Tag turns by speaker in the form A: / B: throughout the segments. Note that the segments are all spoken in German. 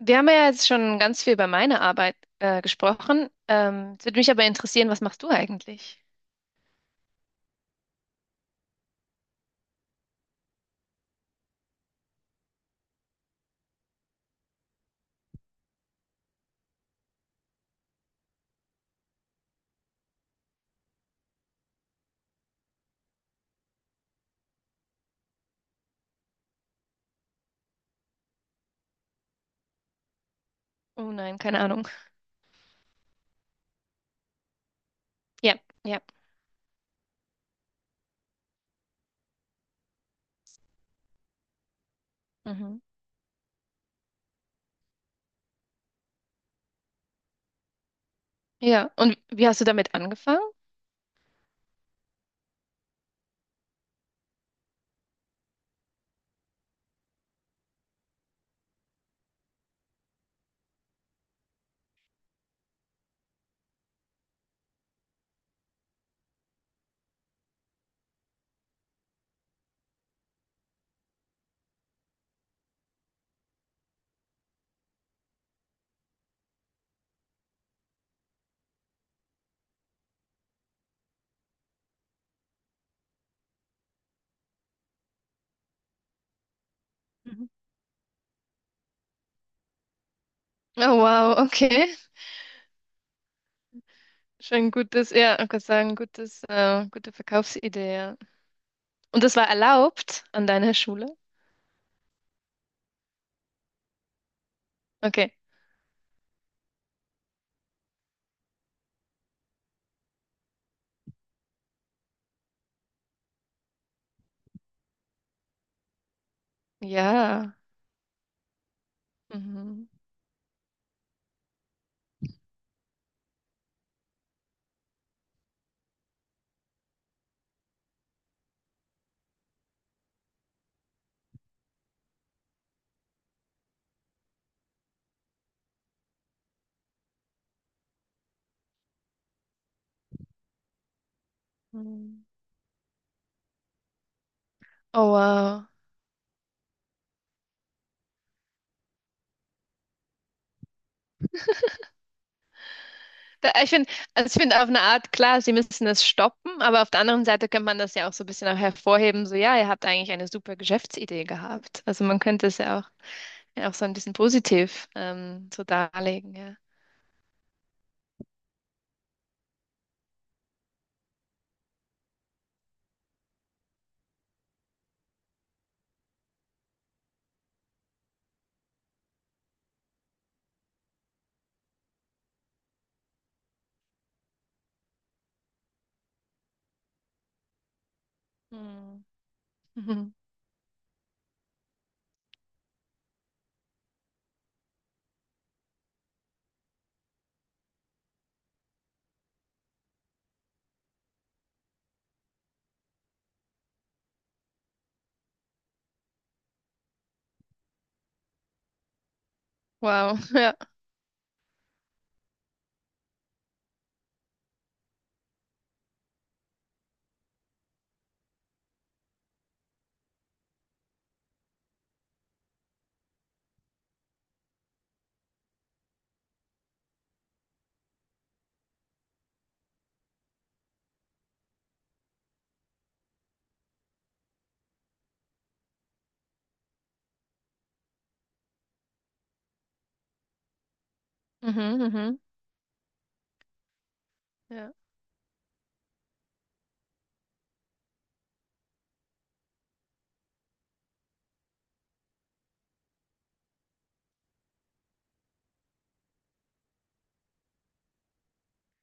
A: Wir haben ja jetzt schon ganz viel über meine Arbeit gesprochen. Es würde mich aber interessieren, was machst du eigentlich? Oh nein, keine Ahnung. Ja, ja. Mhm. Ja, und wie hast du damit angefangen? Mhm. Oh wow, okay. Schon gutes, ja, ich kann sagen, gutes, gute Verkaufsidee. Ja. Und das war erlaubt an deiner Schule? Okay. Ja. Mhm. Mhm. Oh wow. Ich finde, also ich finde auf eine Art, klar, sie müssen das stoppen, aber auf der anderen Seite könnte man das ja auch so ein bisschen auch hervorheben, so ja, ihr habt eigentlich eine super Geschäftsidee gehabt. Also man könnte es ja auch so ein bisschen positiv so darlegen, ja. Hm. Mhm. Wow, ja. Mhm, mhm. Ja.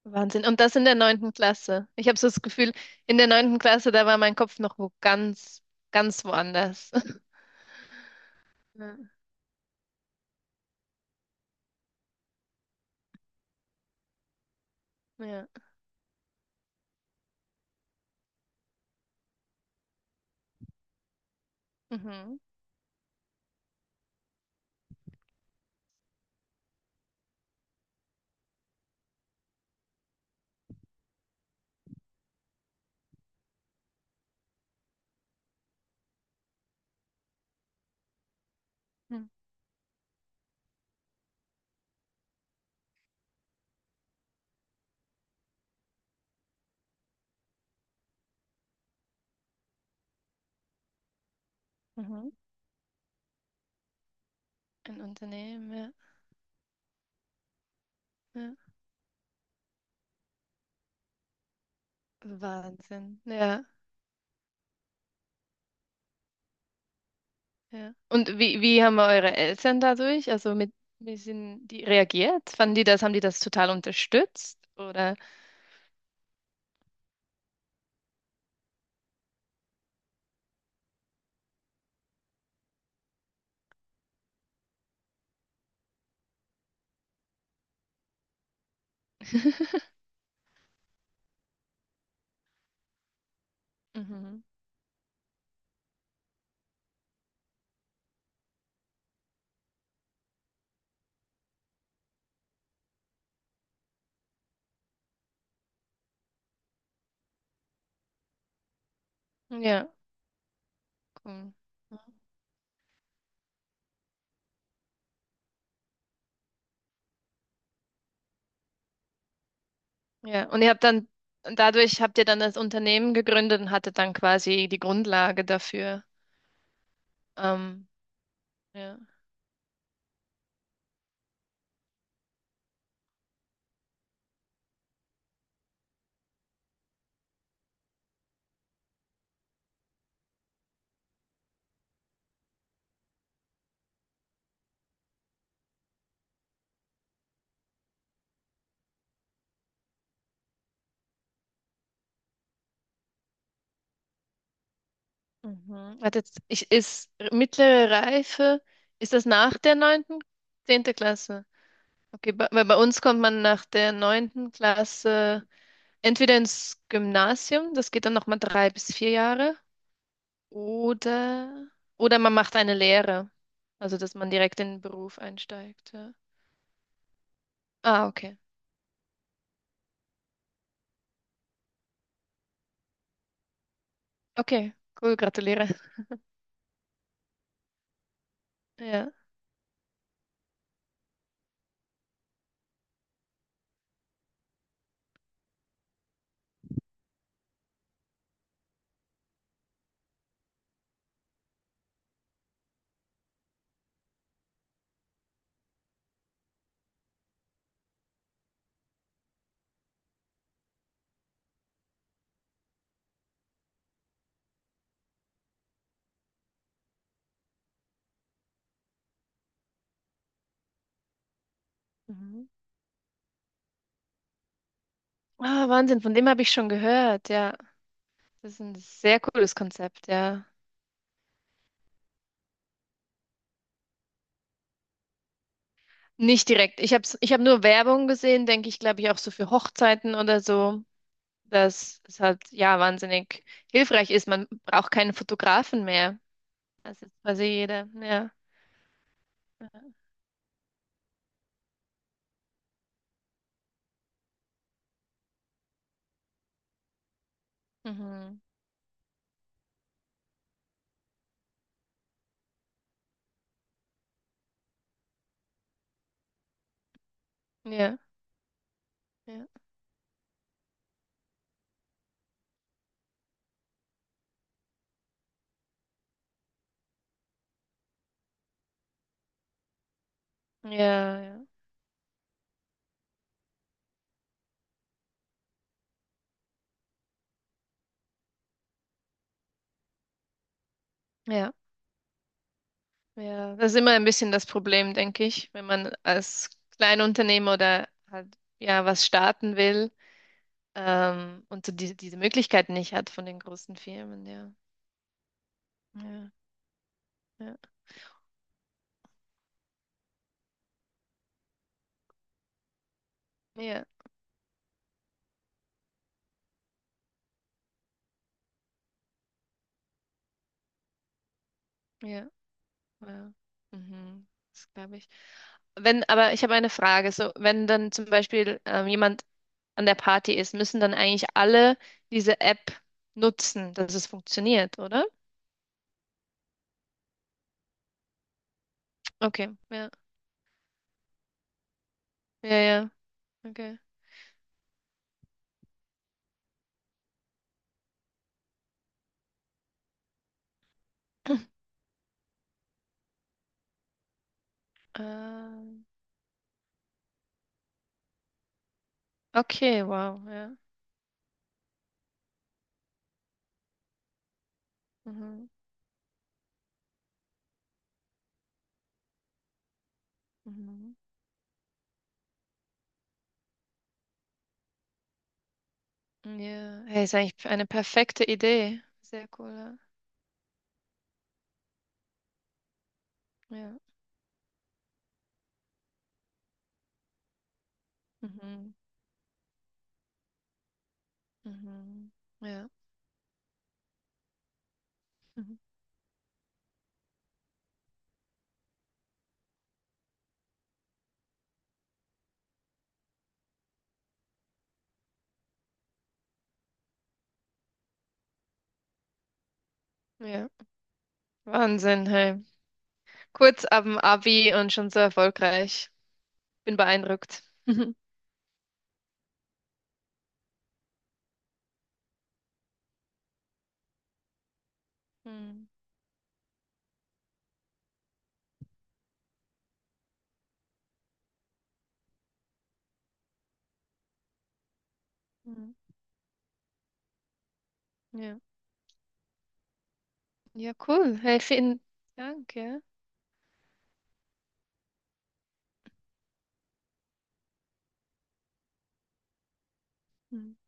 A: Wahnsinn. Und das in der neunten Klasse. Ich habe so das Gefühl, in der neunten Klasse, da war mein Kopf noch wo ganz, ganz woanders. Ja. Ja. Mhm. Mhm. Mhm. Ein Unternehmen, ja. Ja. Wahnsinn. Ja. Ja. Und wie, wie haben eure Eltern dadurch, also mit, wie sind die reagiert? Fanden die das, haben die das total unterstützt? Oder? Mhm. Ja, cool. Ja, und ihr habt dann, dadurch habt ihr dann das Unternehmen gegründet und hattet dann quasi die Grundlage dafür. Ähm, ja. Mhm. Hat jetzt, ich, ist mittlere Reife, ist das nach der neunten, zehnte Klasse? Okay, bei, weil bei uns kommt man nach der neunten Klasse entweder ins Gymnasium, das geht dann nochmal drei bis vier Jahre, oder, oder man macht eine Lehre, also dass man direkt in den Beruf einsteigt. Ja. Ah, okay. Okay, cool, gratuliere. Ja. Mhm. Ah, Wahnsinn, von dem habe ich schon gehört, ja. Das ist ein sehr cooles Konzept, ja. Nicht direkt. Ich habe ich hab nur Werbung gesehen, denke ich, glaube ich, auch so für Hochzeiten oder so, dass es halt, ja, wahnsinnig hilfreich ist. Man braucht keinen Fotografen mehr. Das ist quasi jeder, ja. Mhm. Ja, ja, ja, ja, ja, ja. Das ist immer ein bisschen das Problem, denke ich, wenn man als Kleinunternehmer oder halt ja was starten will und so diese, diese Möglichkeit nicht hat von den großen Firmen. Ja, ja, ja, ja, ja, ja. Mhm. Das glaube ich. Wenn, aber ich habe eine Frage. So, wenn dann zum Beispiel jemand an der Party ist, müssen dann eigentlich alle diese App nutzen, dass es funktioniert, oder? Okay. Ja, ja, okay. Ähm, okay, wow, ja. Mhm, mhm. Ja, hey, ist eigentlich eine perfekte Idee. Sehr cool, ja. Ja. Mhm, mhm. Ja. Mhm. Ja. Wahnsinn, hey. Kurz ab dem Abi und schon so erfolgreich. Bin beeindruckt. Mhm. Mhm. Ja. Ja, cool. Hey, vielen Dank, ja. Mhm.